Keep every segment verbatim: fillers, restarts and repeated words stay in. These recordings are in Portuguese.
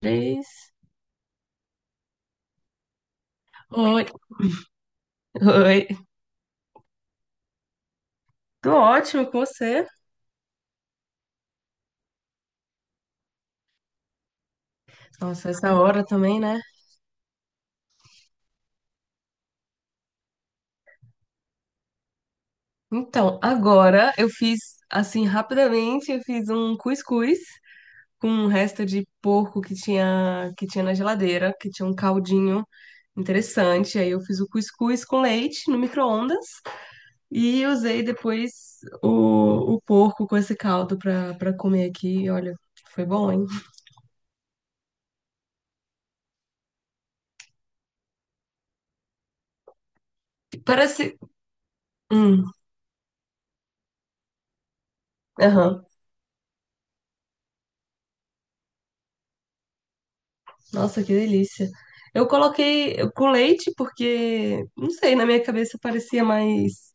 Três. Oi, oi. Tô ótimo com você. Nossa, essa hora também, né? Então, agora eu fiz, assim, rapidamente, eu fiz um cuscuz com um resto de porco que tinha, que tinha na geladeira, que tinha um caldinho interessante. Aí eu fiz o cuscuz com leite no micro-ondas e usei depois o, o porco com esse caldo pra, pra comer aqui. E olha, foi bom, hein? Parece. Hum, aham. Nossa, que delícia. Eu coloquei com leite porque, não sei, na minha cabeça parecia mais,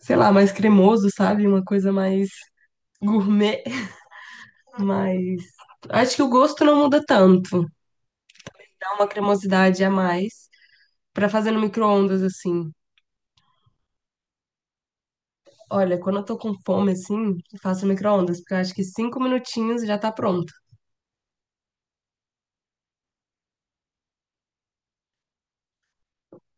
sei lá, mais cremoso, sabe? Uma coisa mais gourmet, mas acho que o gosto não muda tanto. Dá uma cremosidade a mais pra fazer no micro-ondas assim. Olha, quando eu tô com fome assim, eu faço no micro-ondas, porque eu acho que cinco minutinhos já tá pronto.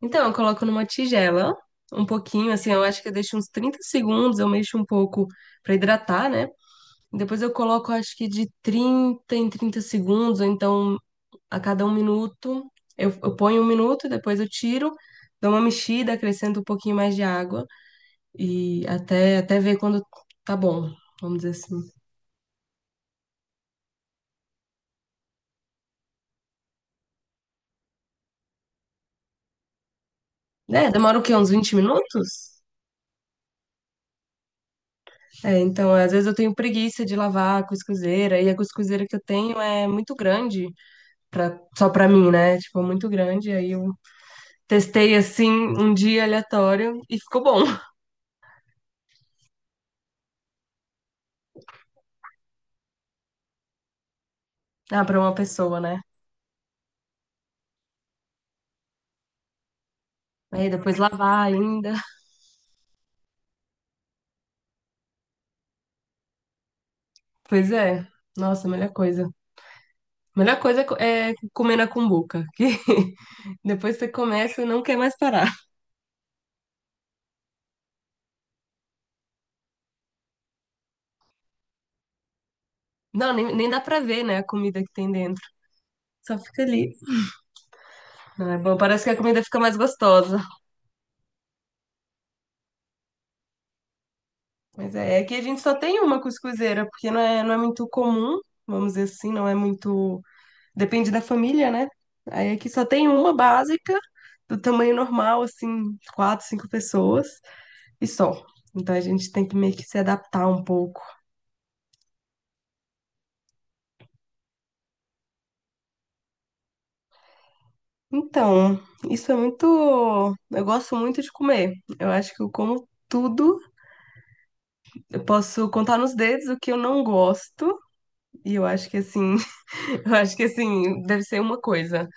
Então, eu coloco numa tigela um pouquinho, assim, eu acho que eu deixo uns trinta segundos, eu mexo um pouco pra hidratar, né? Depois eu coloco, acho que de trinta em trinta segundos, ou então a cada um minuto. Eu, eu ponho um minuto, depois eu tiro, dou uma mexida, acrescento um pouquinho mais de água e até, até ver quando tá bom, vamos dizer assim. É, demora o quê? Uns vinte minutos? É, então, às vezes eu tenho preguiça de lavar a cuscuzeira, e a cuscuzeira que eu tenho é muito grande, pra, só pra mim, né? Tipo, muito grande, aí eu testei assim um dia aleatório e ficou bom. Ah, pra uma pessoa, né? Aí depois lavar ainda. Pois é. Nossa, a melhor coisa. A melhor coisa é co- é comer na cumbuca, que depois você começa e não quer mais parar. Não, nem, nem dá pra ver, né, a comida que tem dentro. Só fica ali. Não, é bom, parece que a comida fica mais gostosa. Mas é, é que a gente só tem uma cuscuzeira, porque não é, não é muito comum, vamos dizer assim, não é muito. Depende da família, né? Aí aqui só tem uma básica, do tamanho normal, assim, quatro, cinco pessoas. E só. Então a gente tem que meio que se adaptar um pouco. Então, isso é muito. Eu gosto muito de comer. Eu acho que eu como tudo. Eu posso contar nos dedos o que eu não gosto. E eu acho que assim, eu acho que assim, deve ser uma coisa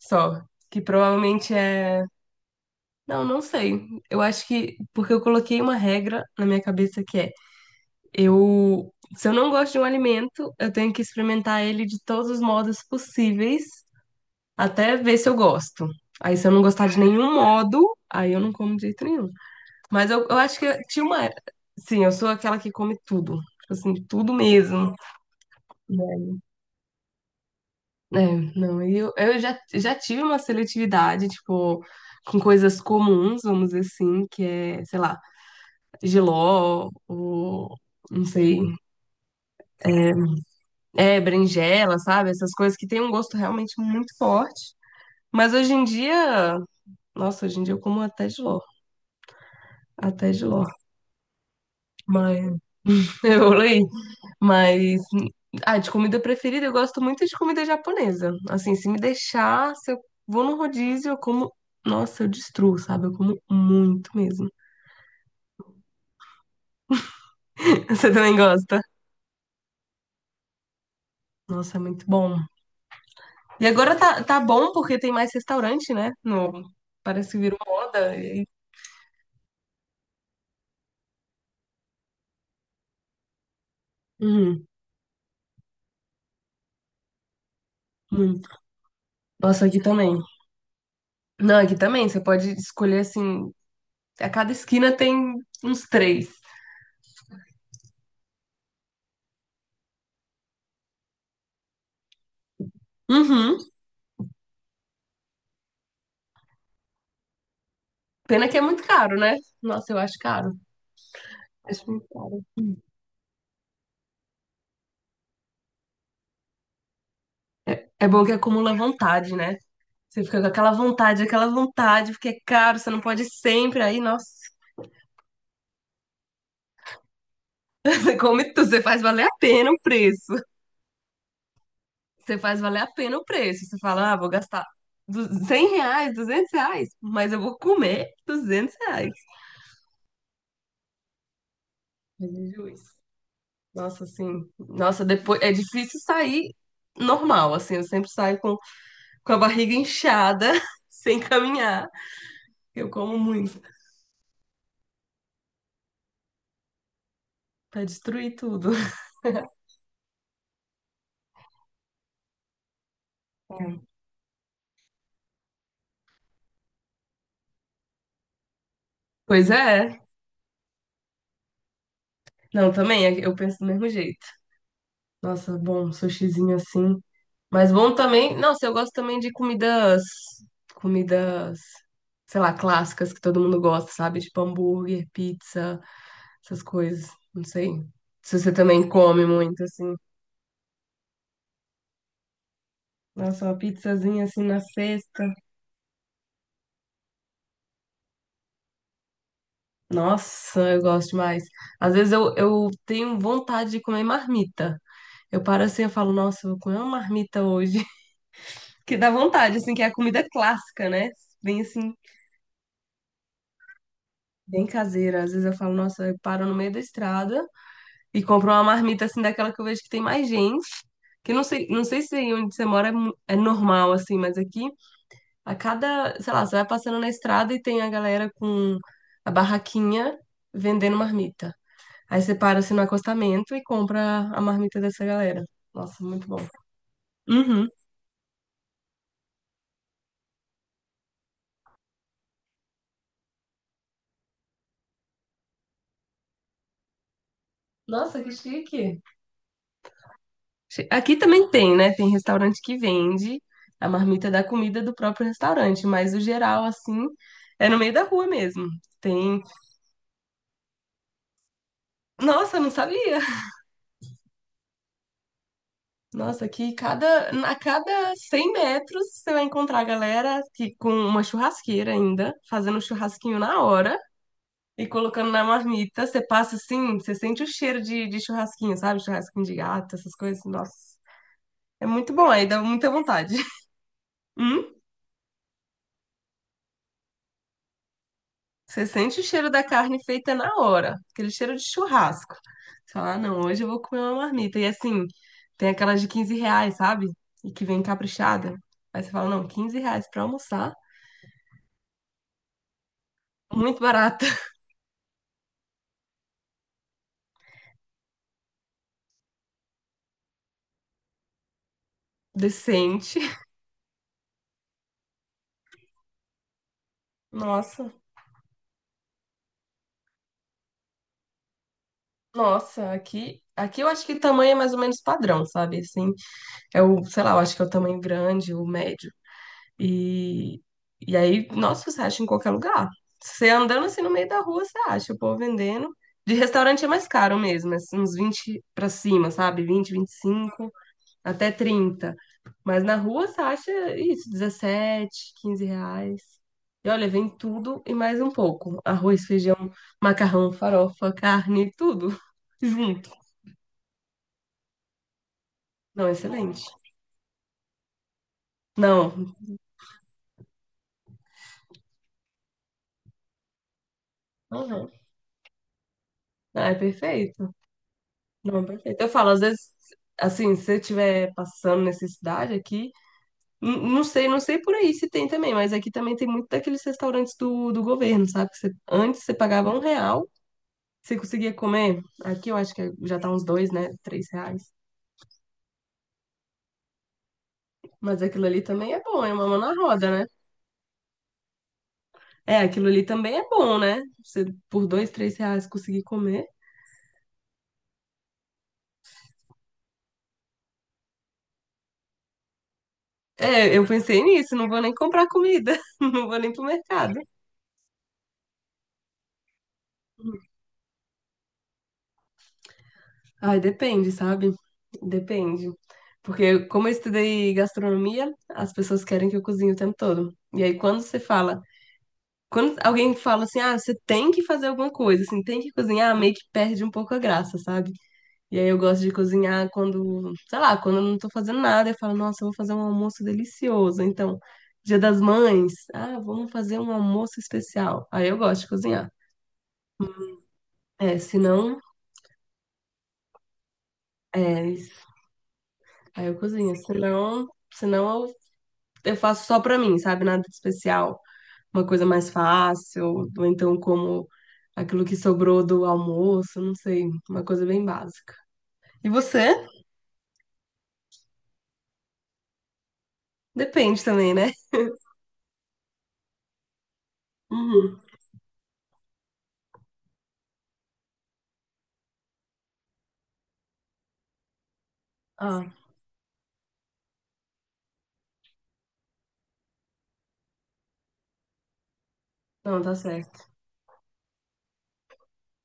só. Que provavelmente é. Não, não sei. Eu acho que. Porque eu coloquei uma regra na minha cabeça que é: eu. Se eu não gosto de um alimento, eu tenho que experimentar ele de todos os modos possíveis até ver se eu gosto. Aí se eu não gostar de nenhum modo, aí eu não como de jeito nenhum. Mas eu, eu acho que tinha uma. era- Sim, eu sou aquela que come tudo. Tipo assim, tudo mesmo. É, não, e eu, eu já, já tive uma seletividade, tipo, com coisas comuns, vamos dizer assim, que é, sei lá, jiló, ou, não sei, é, é, berinjela, sabe? Essas coisas que têm um gosto realmente muito forte. Mas hoje em dia, nossa, hoje em dia eu como até jiló, até jiló. Mas eu leio, mas ah, de comida preferida eu gosto muito de comida japonesa. Assim, se me deixar, se eu vou num rodízio, eu como, nossa, eu destruo, sabe? Eu como muito mesmo. Você também gosta? Nossa, é muito bom. E agora tá, tá bom porque tem mais restaurante, né? No. Parece que virou moda. e- Uhum, muito. Nossa, aqui também. Não, aqui também. Você pode escolher assim. A cada esquina tem uns três. Uhum. Pena que é muito caro, né? Nossa, eu acho caro. Acho muito caro. É bom que acumula vontade, né? Você fica com aquela vontade, aquela vontade, porque é caro, você não pode ir sempre. Aí, nossa, você come tudo, você faz valer a pena o preço. Você faz valer a pena o preço. Você fala, ah, vou gastar du- cem, reais, duzentos, reais, mas eu vou comer duzentos reais. Mas é justo. Nossa, assim, nossa, depois é difícil sair normal, assim, eu sempre saio com, com a barriga inchada, sem caminhar. Eu como muito, pra destruir tudo. Pois é. Não, também, eu penso do mesmo jeito. Nossa, bom, um sushizinho assim. Mas bom também. Nossa, eu gosto também de comidas. Comidas, sei lá, clássicas que todo mundo gosta, sabe? Tipo hambúrguer, pizza, essas coisas. Não sei. Se você também come muito, assim. Nossa, uma pizzazinha assim na sexta. Nossa, eu gosto demais. Às vezes eu, eu tenho vontade de comer marmita. Eu paro assim e falo, nossa, eu vou comer uma marmita hoje. Que dá vontade, assim, que é a comida clássica, né? Vem assim. Bem caseira. Às vezes eu falo, nossa, eu paro no meio da estrada e compro uma marmita assim daquela que eu vejo que tem mais gente. Que não sei, não sei se aí onde você mora é, mu- é normal, assim, mas aqui a cada, sei lá, você vai passando na estrada e tem a galera com a barraquinha vendendo marmita. Aí você para assim no acostamento e compra a marmita dessa galera. Nossa, muito bom. Uhum. Nossa, que chique. Che- Aqui também tem, né? Tem restaurante que vende a marmita da comida do próprio restaurante, mas o geral, assim, é no meio da rua mesmo. Tem. Nossa, eu não sabia! Nossa, aqui cada, a cada cem metros você vai encontrar a galera que, com uma churrasqueira ainda, fazendo um churrasquinho na hora e colocando na marmita. Você passa assim, você sente o cheiro de, de churrasquinho, sabe? Churrasquinho de gato, essas coisas, assim. Nossa, é muito bom, aí dá muita vontade. Hum? Você sente o cheiro da carne feita na hora, aquele cheiro de churrasco. Você fala, ah, não, hoje eu vou comer uma marmita. E assim, tem aquelas de quinze reais, sabe? E que vem caprichada. Aí você fala, não, quinze reais pra almoçar, muito barata, decente. Nossa, nossa, aqui, aqui eu acho que tamanho é mais ou menos padrão, sabe? Assim, é o, sei lá, eu acho que é o tamanho grande, o médio, E, e aí, nossa, você acha em qualquer lugar. Você andando assim no meio da rua, você acha o povo vendendo. De restaurante é mais caro mesmo, é assim, uns vinte pra cima, sabe? Vinte, vinte e cinco até trinta. Mas na rua você acha isso, dezessete, quinze reais. E olha, vem tudo e mais um pouco. Arroz, feijão, macarrão, farofa, carne, tudo junto. Não, excelente. Não. Uhum. Ah, é perfeito. Não, perfeito. Eu falo, às vezes, assim, se você estiver passando necessidade aqui, n- não sei, não sei por aí se tem também, mas aqui também tem muito daqueles restaurantes do, do governo, sabe? Que você- antes você pagava um real, você conseguia comer. Aqui eu acho que já tá uns dois, né? Três reais. Mas aquilo ali também é bom, é uma mão na roda, né? É, aquilo ali também é bom, né? Você por dois, três reais conseguir comer. É, eu pensei nisso, não vou nem comprar comida, não vou nem pro mercado. Ai, depende, sabe? Depende. Porque como eu estudei gastronomia, as pessoas querem que eu cozinhe o tempo todo. E aí quando você fala, quando alguém fala assim, ah, você tem que fazer alguma coisa, assim, tem que cozinhar, meio que perde um pouco a graça, sabe? E aí eu gosto de cozinhar quando, sei lá, quando eu não tô fazendo nada, eu falo, nossa, eu vou fazer um almoço delicioso. Então, Dia das Mães, ah, vamos fazer um almoço especial. Aí eu gosto de cozinhar. É, se não, é, aí eu cozinho. Se não, se não eu faço só pra mim, sabe? Nada de especial. Uma coisa mais fácil, ou então como aquilo que sobrou do almoço, não sei. Uma coisa bem básica. E você? Depende também, né? Uhum. Ah, não, tá certo.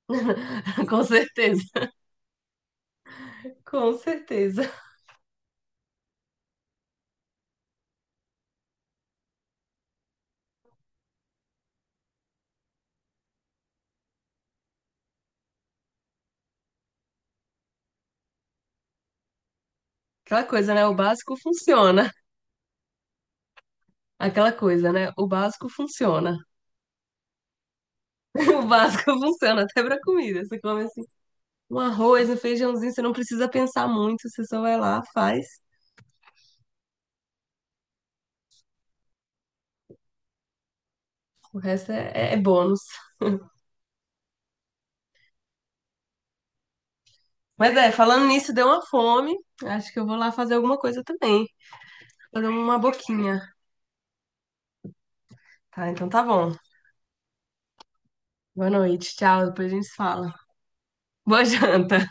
Com certeza. Com certeza. Aquela coisa, né? O básico funciona. Aquela coisa, né? O básico funciona. O básico funciona até pra comida. Você come assim, um arroz, um feijãozinho, você não precisa pensar muito, você só vai lá, faz. O resto é, é é bônus. Mas é, falando nisso, deu uma fome. Acho que eu vou lá fazer alguma coisa também. Fazer uma boquinha. Tá, então tá bom. Boa noite, tchau. Depois a gente se fala. Boa janta.